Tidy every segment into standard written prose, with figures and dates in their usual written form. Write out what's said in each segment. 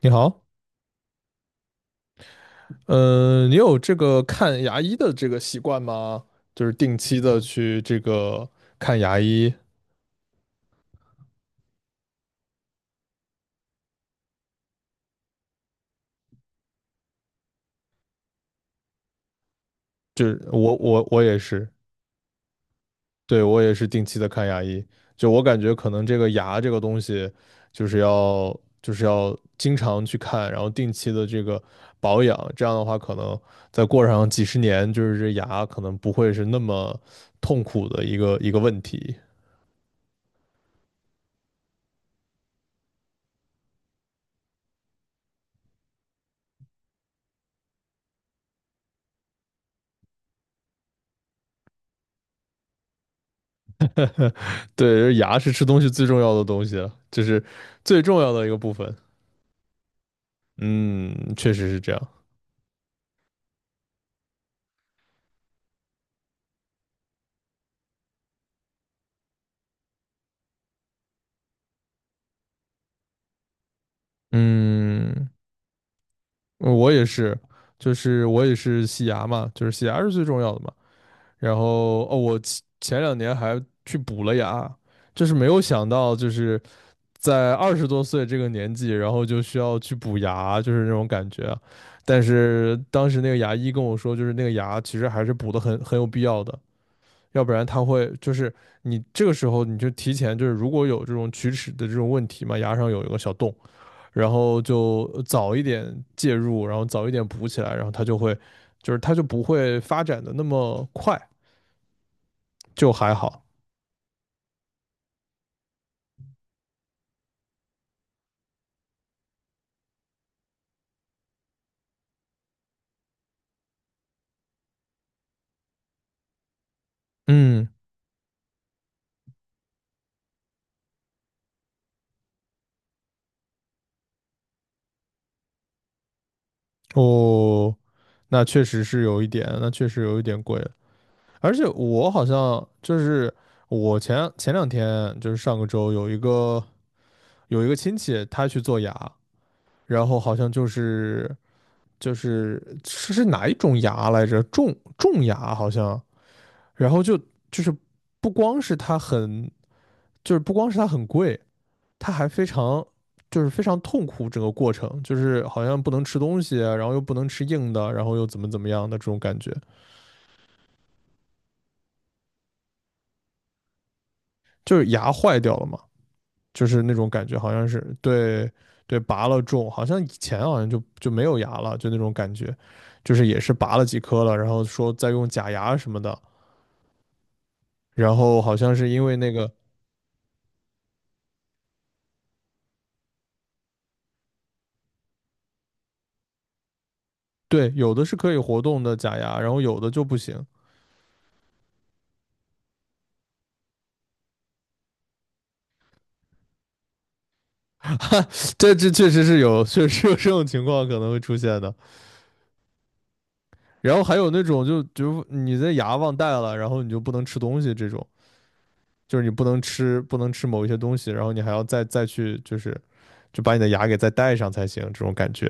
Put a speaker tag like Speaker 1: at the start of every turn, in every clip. Speaker 1: 你好。嗯，你有这个看牙医的这个习惯吗？就是定期的去这个看牙医，就是我也是。对，我也是定期的看牙医。就我感觉可能这个牙这个东西，就是要就是要经常去看，然后定期的这个保养，这样的话可能再过上几十年，就是这牙可能不会是那么痛苦的一个问题。对，牙是吃东西最重要的东西了，就是最重要的一个部分。嗯，确实是这样。嗯，我也是，就是我也是洗牙嘛，就是洗牙是最重要的嘛。然后哦，我前两年还去补了牙，就是没有想到，就是在20多岁这个年纪，然后就需要去补牙，就是那种感觉啊。但是当时那个牙医跟我说，就是那个牙其实还是补的很有必要的，要不然它会就是你这个时候你就提前就是如果有这种龋齿的这种问题嘛，牙上有一个小洞。然后就早一点介入，然后早一点补起来，然后它就会，就是它就不会发展的那么快，就还好。嗯，哦，那确实是有一点，那确实有一点贵了。而且我好像就是我前两天就是上个周有一个亲戚他去做牙，然后好像就是是哪一种牙来着？种牙好像，然后就就是不光是他很就是不光是它很贵，它还非常痛苦整个过程，就是好像不能吃东西啊，然后又不能吃硬的，然后又怎么样的这种感觉，就是牙坏掉了嘛，就是那种感觉，好像是。对，对拔了种，好像以前好像就没有牙了，就那种感觉，就是也是拔了几颗了，然后说再用假牙什么的，然后好像是因为那个。对，有的是可以活动的假牙，然后有的就不行。这确实是有，确实有这种情况可能会出现的。然后还有那种就你的牙忘带了，然后你就不能吃东西这种，就是你不能吃某一些东西，然后你还要再去就是就把你的牙给再带上才行，这种感觉。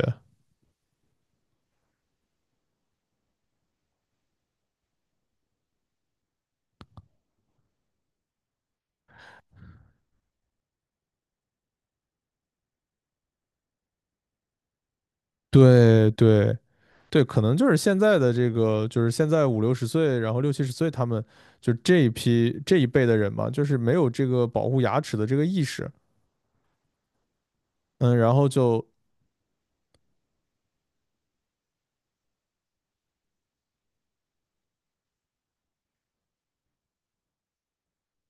Speaker 1: 对对对，可能就是现在的这个，就是现在五六十岁，然后六七十岁，他们就这一批这一辈的人嘛，就是没有这个保护牙齿的这个意识。嗯，然后就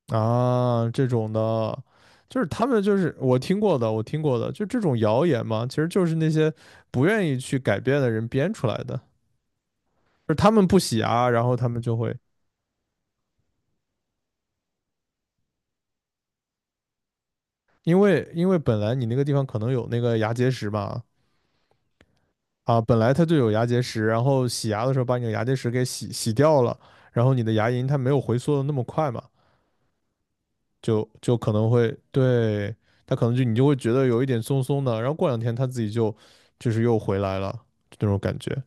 Speaker 1: 啊，这种的，就是他们就是我听过的就这种谣言嘛，其实就是那些不愿意去改变的人编出来的，就是他们不洗牙，然后他们就会。因为本来你那个地方可能有那个牙结石嘛，啊，本来它就有牙结石，然后洗牙的时候把你的牙结石给洗掉了，然后你的牙龈它没有回缩的那么快嘛，就可能会。对，它可能就你就会觉得有一点松松的，然后过两天它自己就是又回来了，就那种感觉。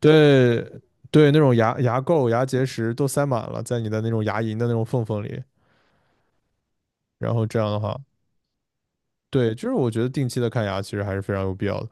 Speaker 1: 对对，那种牙垢、牙结石都塞满了，在你的那种牙龈的那种缝缝里。然后这样的话，对，就是我觉得定期的看牙其实还是非常有必要的。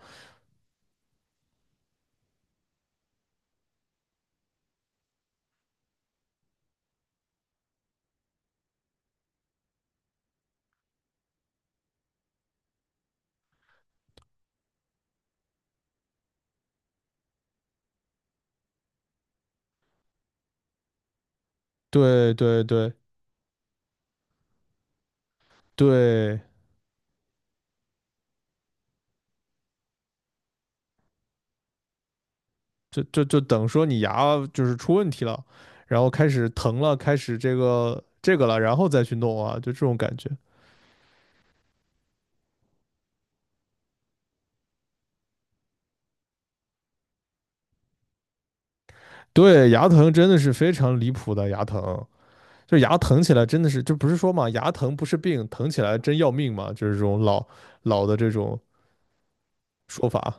Speaker 1: 对对对对，就等说你牙就是出问题了，然后开始疼了，开始这个了，然后再去弄啊，就这种感觉。对，牙疼真的是非常离谱的，牙疼。就牙疼起来真的是，就不是说嘛，牙疼不是病，疼起来真要命嘛，就是这种老的这种说法。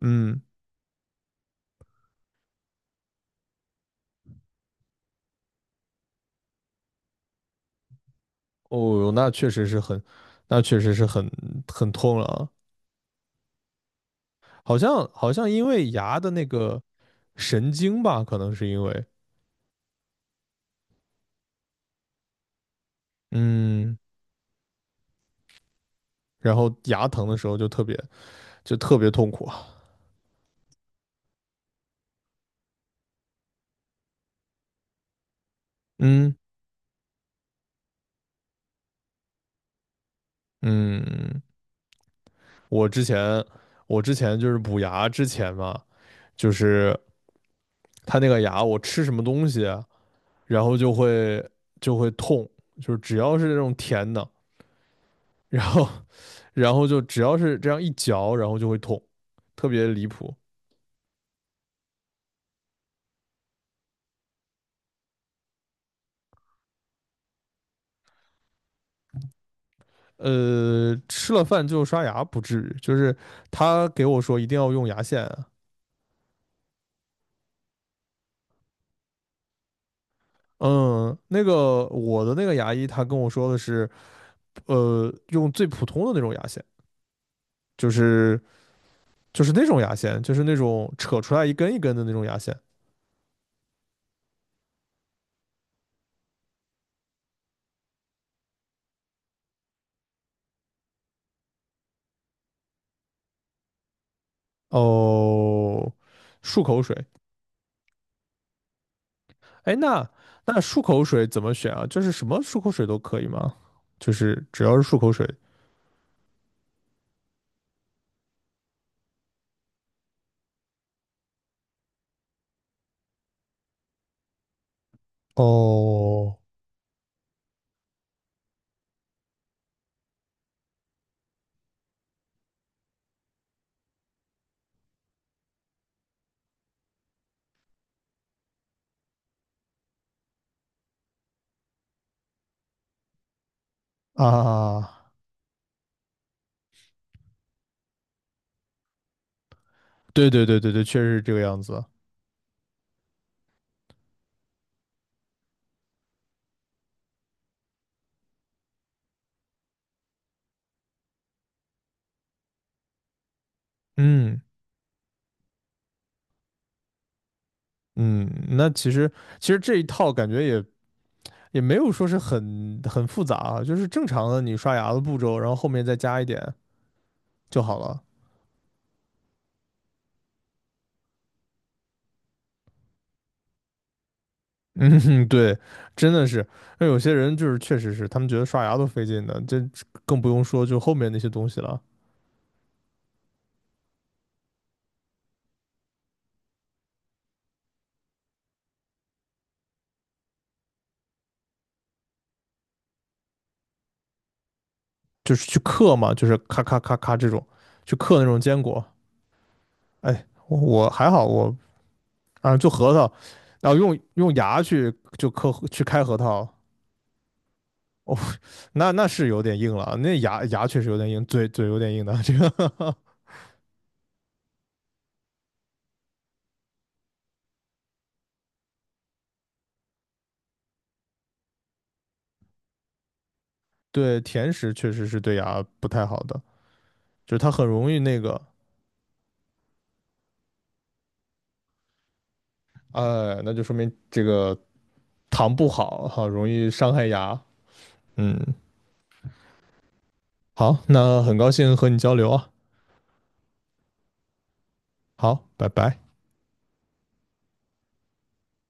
Speaker 1: 嗯，哦哟，那确实是很，那确实是很痛了啊。好像因为牙的那个神经吧，可能是因为。嗯，然后牙疼的时候就特别痛苦啊。嗯嗯，我之前我之前就是补牙之前嘛，就是它那个牙我吃什么东西啊，然后就会痛，就是只要是这种甜的，然后 然后就只要是这样一嚼，然后就会痛，特别离谱。吃了饭就刷牙不至于，就是他给我说一定要用牙线啊。嗯，那个我的那个牙医他跟我说的是，用最普通的那种牙线，就是就是那种牙线，就是那种扯出来一根一根的那种牙线。哦，漱口水，哎，那漱口水怎么选啊？就是什么漱口水都可以吗？就是只要是漱口水。哦，啊，对对对对对，确实是这个样子。嗯嗯，那其实这一套感觉也没有说是很复杂啊，就是正常的你刷牙的步骤，然后后面再加一点就好了。嗯，对，真的是，那有些人就是确实是他们觉得刷牙都费劲的，这更不用说就后面那些东西了，就是去嗑嘛，就是咔咔咔咔这种，去嗑那种坚果。哎，我还好，我啊，就核桃，然后用牙去就磕去开核桃，哦，那是有点硬了，那牙确实有点硬，嘴有点硬的，这个 对甜食确实是对牙不太好的，就是它很容易那个，哎，那就说明这个糖不好好容易伤害牙。嗯，好，那很高兴和你交流啊，好，拜拜。